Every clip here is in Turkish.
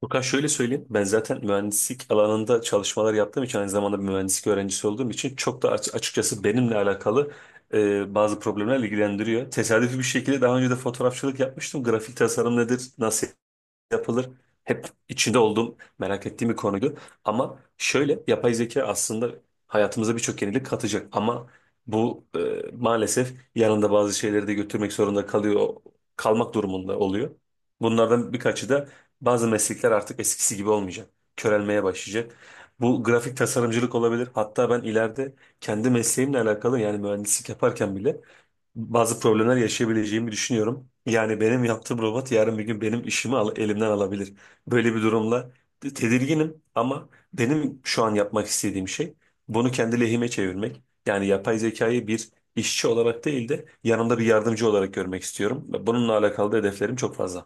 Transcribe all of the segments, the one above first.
Furkan, şöyle söyleyeyim. Ben zaten mühendislik alanında çalışmalar yaptığım için, aynı zamanda bir mühendislik öğrencisi olduğum için, çok da açıkçası benimle alakalı bazı problemler ilgilendiriyor. Tesadüfi bir şekilde daha önce de fotoğrafçılık yapmıştım. Grafik tasarım nedir, nasıl yapılır. Hep içinde olduğum, merak ettiğim bir konuydu. Ama şöyle, yapay zeka aslında hayatımıza birçok yenilik katacak. Ama bu maalesef yanında bazı şeyleri de götürmek zorunda kalıyor, kalmak durumunda oluyor. Bunlardan birkaçı da bazı meslekler artık eskisi gibi olmayacak. Körelmeye başlayacak. Bu grafik tasarımcılık olabilir. Hatta ben ileride kendi mesleğimle alakalı yani mühendislik yaparken bile bazı problemler yaşayabileceğimi düşünüyorum. Yani benim yaptığım robot yarın bir gün benim işimi elimden alabilir. Böyle bir durumla tedirginim, ama benim şu an yapmak istediğim şey bunu kendi lehime çevirmek. Yani yapay zekayı bir işçi olarak değil de yanımda bir yardımcı olarak görmek istiyorum. Ve bununla alakalı da hedeflerim çok fazla.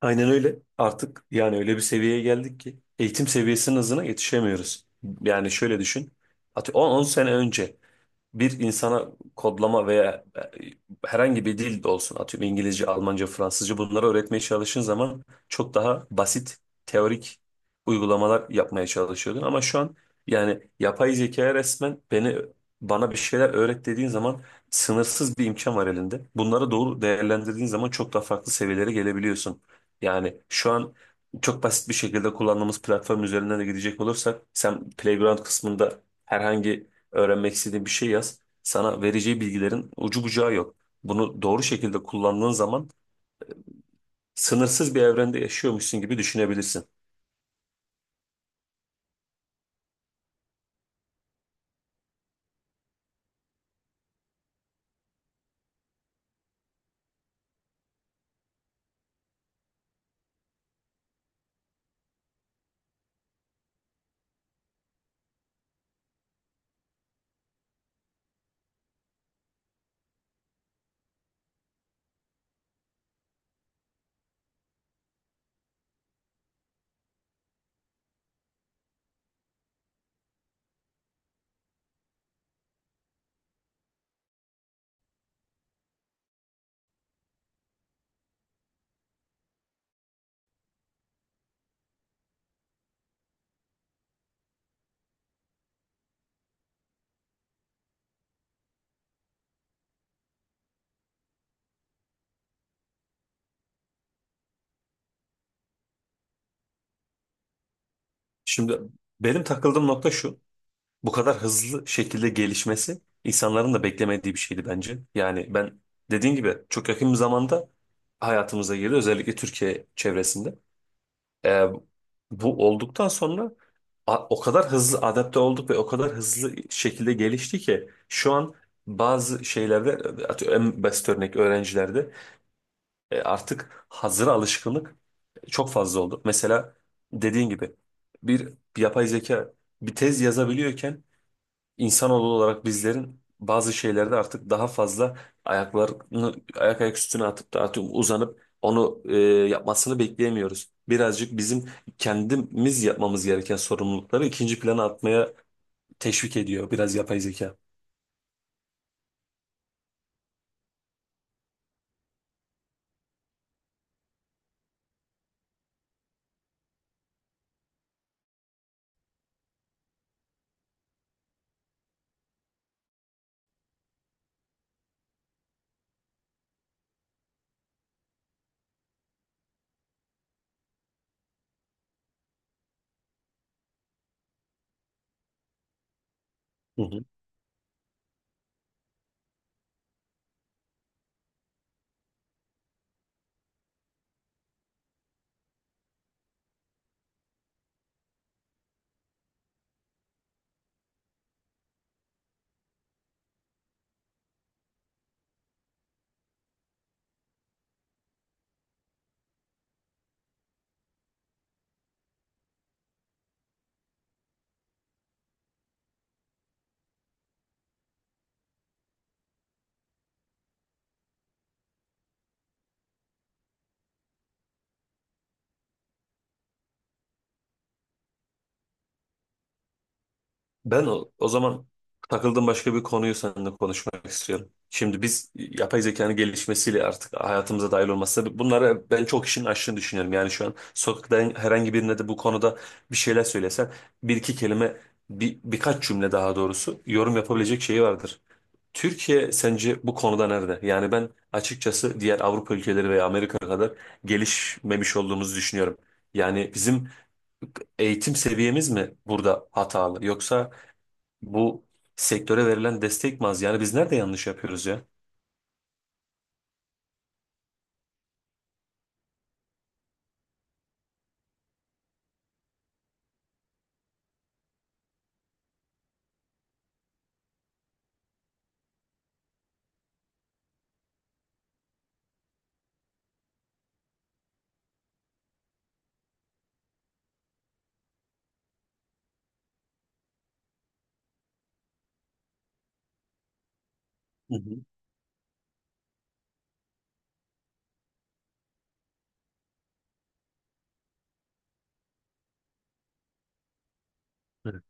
Aynen öyle. Artık yani öyle bir seviyeye geldik ki eğitim seviyesinin hızına yetişemiyoruz. Yani şöyle düşün. On on sene önce bir insana kodlama veya herhangi bir dil de olsun, atıyorum İngilizce, Almanca, Fransızca, bunları öğretmeye çalıştığın zaman çok daha basit teorik uygulamalar yapmaya çalışıyordun, ama şu an yani yapay zekaya resmen bana bir şeyler öğret dediğin zaman sınırsız bir imkan var elinde. Bunları doğru değerlendirdiğin zaman çok daha farklı seviyelere gelebiliyorsun. Yani şu an çok basit bir şekilde kullandığımız platform üzerinden de gidecek olursak, sen playground kısmında herhangi öğrenmek istediğin bir şey yaz. Sana vereceği bilgilerin ucu bucağı yok. Bunu doğru şekilde kullandığın zaman sınırsız bir evrende yaşıyormuşsun gibi düşünebilirsin. Şimdi benim takıldığım nokta şu. Bu kadar hızlı şekilde gelişmesi insanların da beklemediği bir şeydi bence. Yani ben, dediğin gibi, çok yakın bir zamanda hayatımıza girdi, özellikle Türkiye çevresinde. E, Bu olduktan sonra o kadar hızlı adapte olduk ve o kadar hızlı şekilde gelişti ki şu an bazı şeylerde, atıyorum en basit örnek öğrencilerde, artık hazır alışkınlık çok fazla oldu. Mesela, dediğin gibi, bir yapay zeka bir tez yazabiliyorken insanoğlu olarak bizlerin bazı şeylerde artık daha fazla ayaklarını ayak ayak üstüne atıp da artık uzanıp onu yapmasını bekleyemiyoruz. Birazcık bizim kendimiz yapmamız gereken sorumlulukları ikinci plana atmaya teşvik ediyor biraz yapay zeka. Hı hı. Ben o zaman takıldığım başka bir konuyu seninle konuşmak istiyorum. Şimdi biz yapay zekanın gelişmesiyle artık hayatımıza dahil olması, bunları ben çok işin aşını düşünüyorum. Yani şu an sokakta herhangi birine de bu konuda bir şeyler söylesen bir iki kelime, birkaç cümle daha doğrusu yorum yapabilecek şeyi vardır. Türkiye sence bu konuda nerede? Yani ben açıkçası diğer Avrupa ülkeleri veya Amerika kadar gelişmemiş olduğumuzu düşünüyorum. Yani bizim eğitim seviyemiz mi burada hatalı, yoksa bu sektöre verilen destek mi az? Yani biz nerede yanlış yapıyoruz ya? Hı hı. Evet.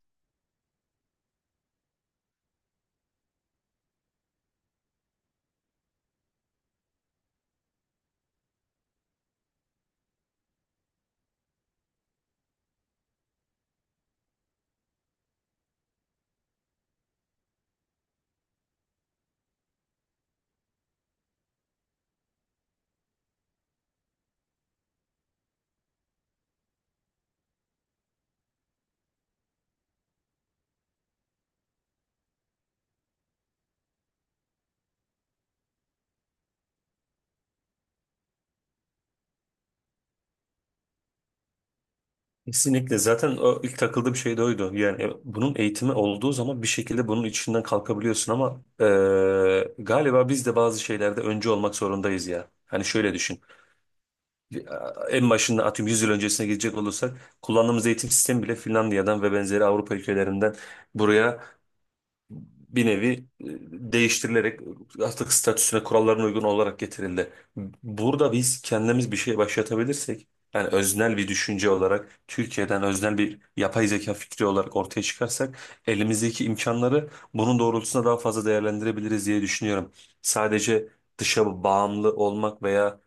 Kesinlikle, zaten o ilk takıldığı bir şey de oydu. Yani bunun eğitimi olduğu zaman bir şekilde bunun içinden kalkabiliyorsun, ama galiba biz de bazı şeylerde öncü olmak zorundayız ya. Hani şöyle düşün. En başında, atıyorum 100 yıl öncesine gidecek olursak, kullandığımız eğitim sistemi bile Finlandiya'dan ve benzeri Avrupa ülkelerinden buraya bir nevi e, değiştirilerek artık statüsüne, kurallarına uygun olarak getirildi. Burada biz kendimiz bir şey başlatabilirsek, yani öznel bir düşünce olarak Türkiye'den öznel bir yapay zeka fikri olarak ortaya çıkarsak, elimizdeki imkanları bunun doğrultusunda daha fazla değerlendirebiliriz diye düşünüyorum. Sadece dışa bağımlı olmak veya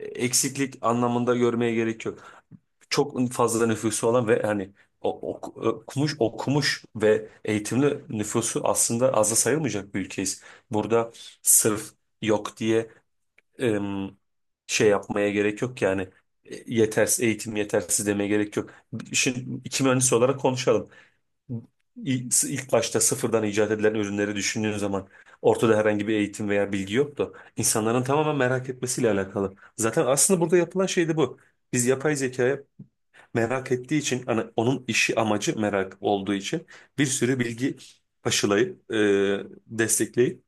eksiklik anlamında görmeye gerek yok. Çok fazla nüfusu olan ve hani okumuş okumuş ve eğitimli nüfusu aslında azı sayılmayacak bir ülkeyiz. Burada sırf yok diye em, şey yapmaya gerek yok yani. Yetersiz eğitim yetersiz demeye gerek yok. Şimdi iki mühendis olarak konuşalım. İlk başta sıfırdan icat edilen ürünleri düşündüğün zaman ortada herhangi bir eğitim veya bilgi yoktu. İnsanların tamamen merak etmesiyle alakalı. Zaten aslında burada yapılan şey de bu. Biz yapay zekaya merak ettiği için, hani onun işi amacı merak olduğu için, bir sürü bilgi aşılayıp destekleyip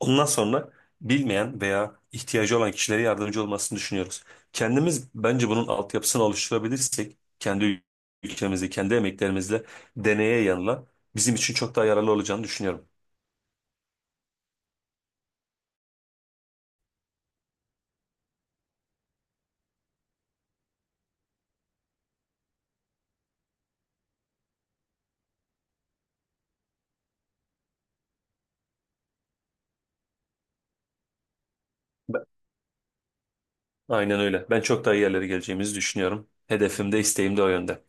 ondan sonra bilmeyen veya ihtiyacı olan kişilere yardımcı olmasını düşünüyoruz. Kendimiz bence bunun altyapısını oluşturabilirsek, kendi ülkemizde kendi emeklerimizle, deneye yanıla, bizim için çok daha yararlı olacağını düşünüyorum. Ben- Aynen öyle. Ben çok daha iyi yerlere geleceğimizi düşünüyorum. Hedefim de isteğim de o yönde.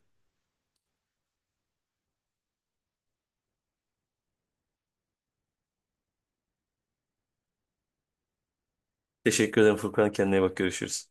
Teşekkür ederim Furkan. Kendine iyi bak, görüşürüz.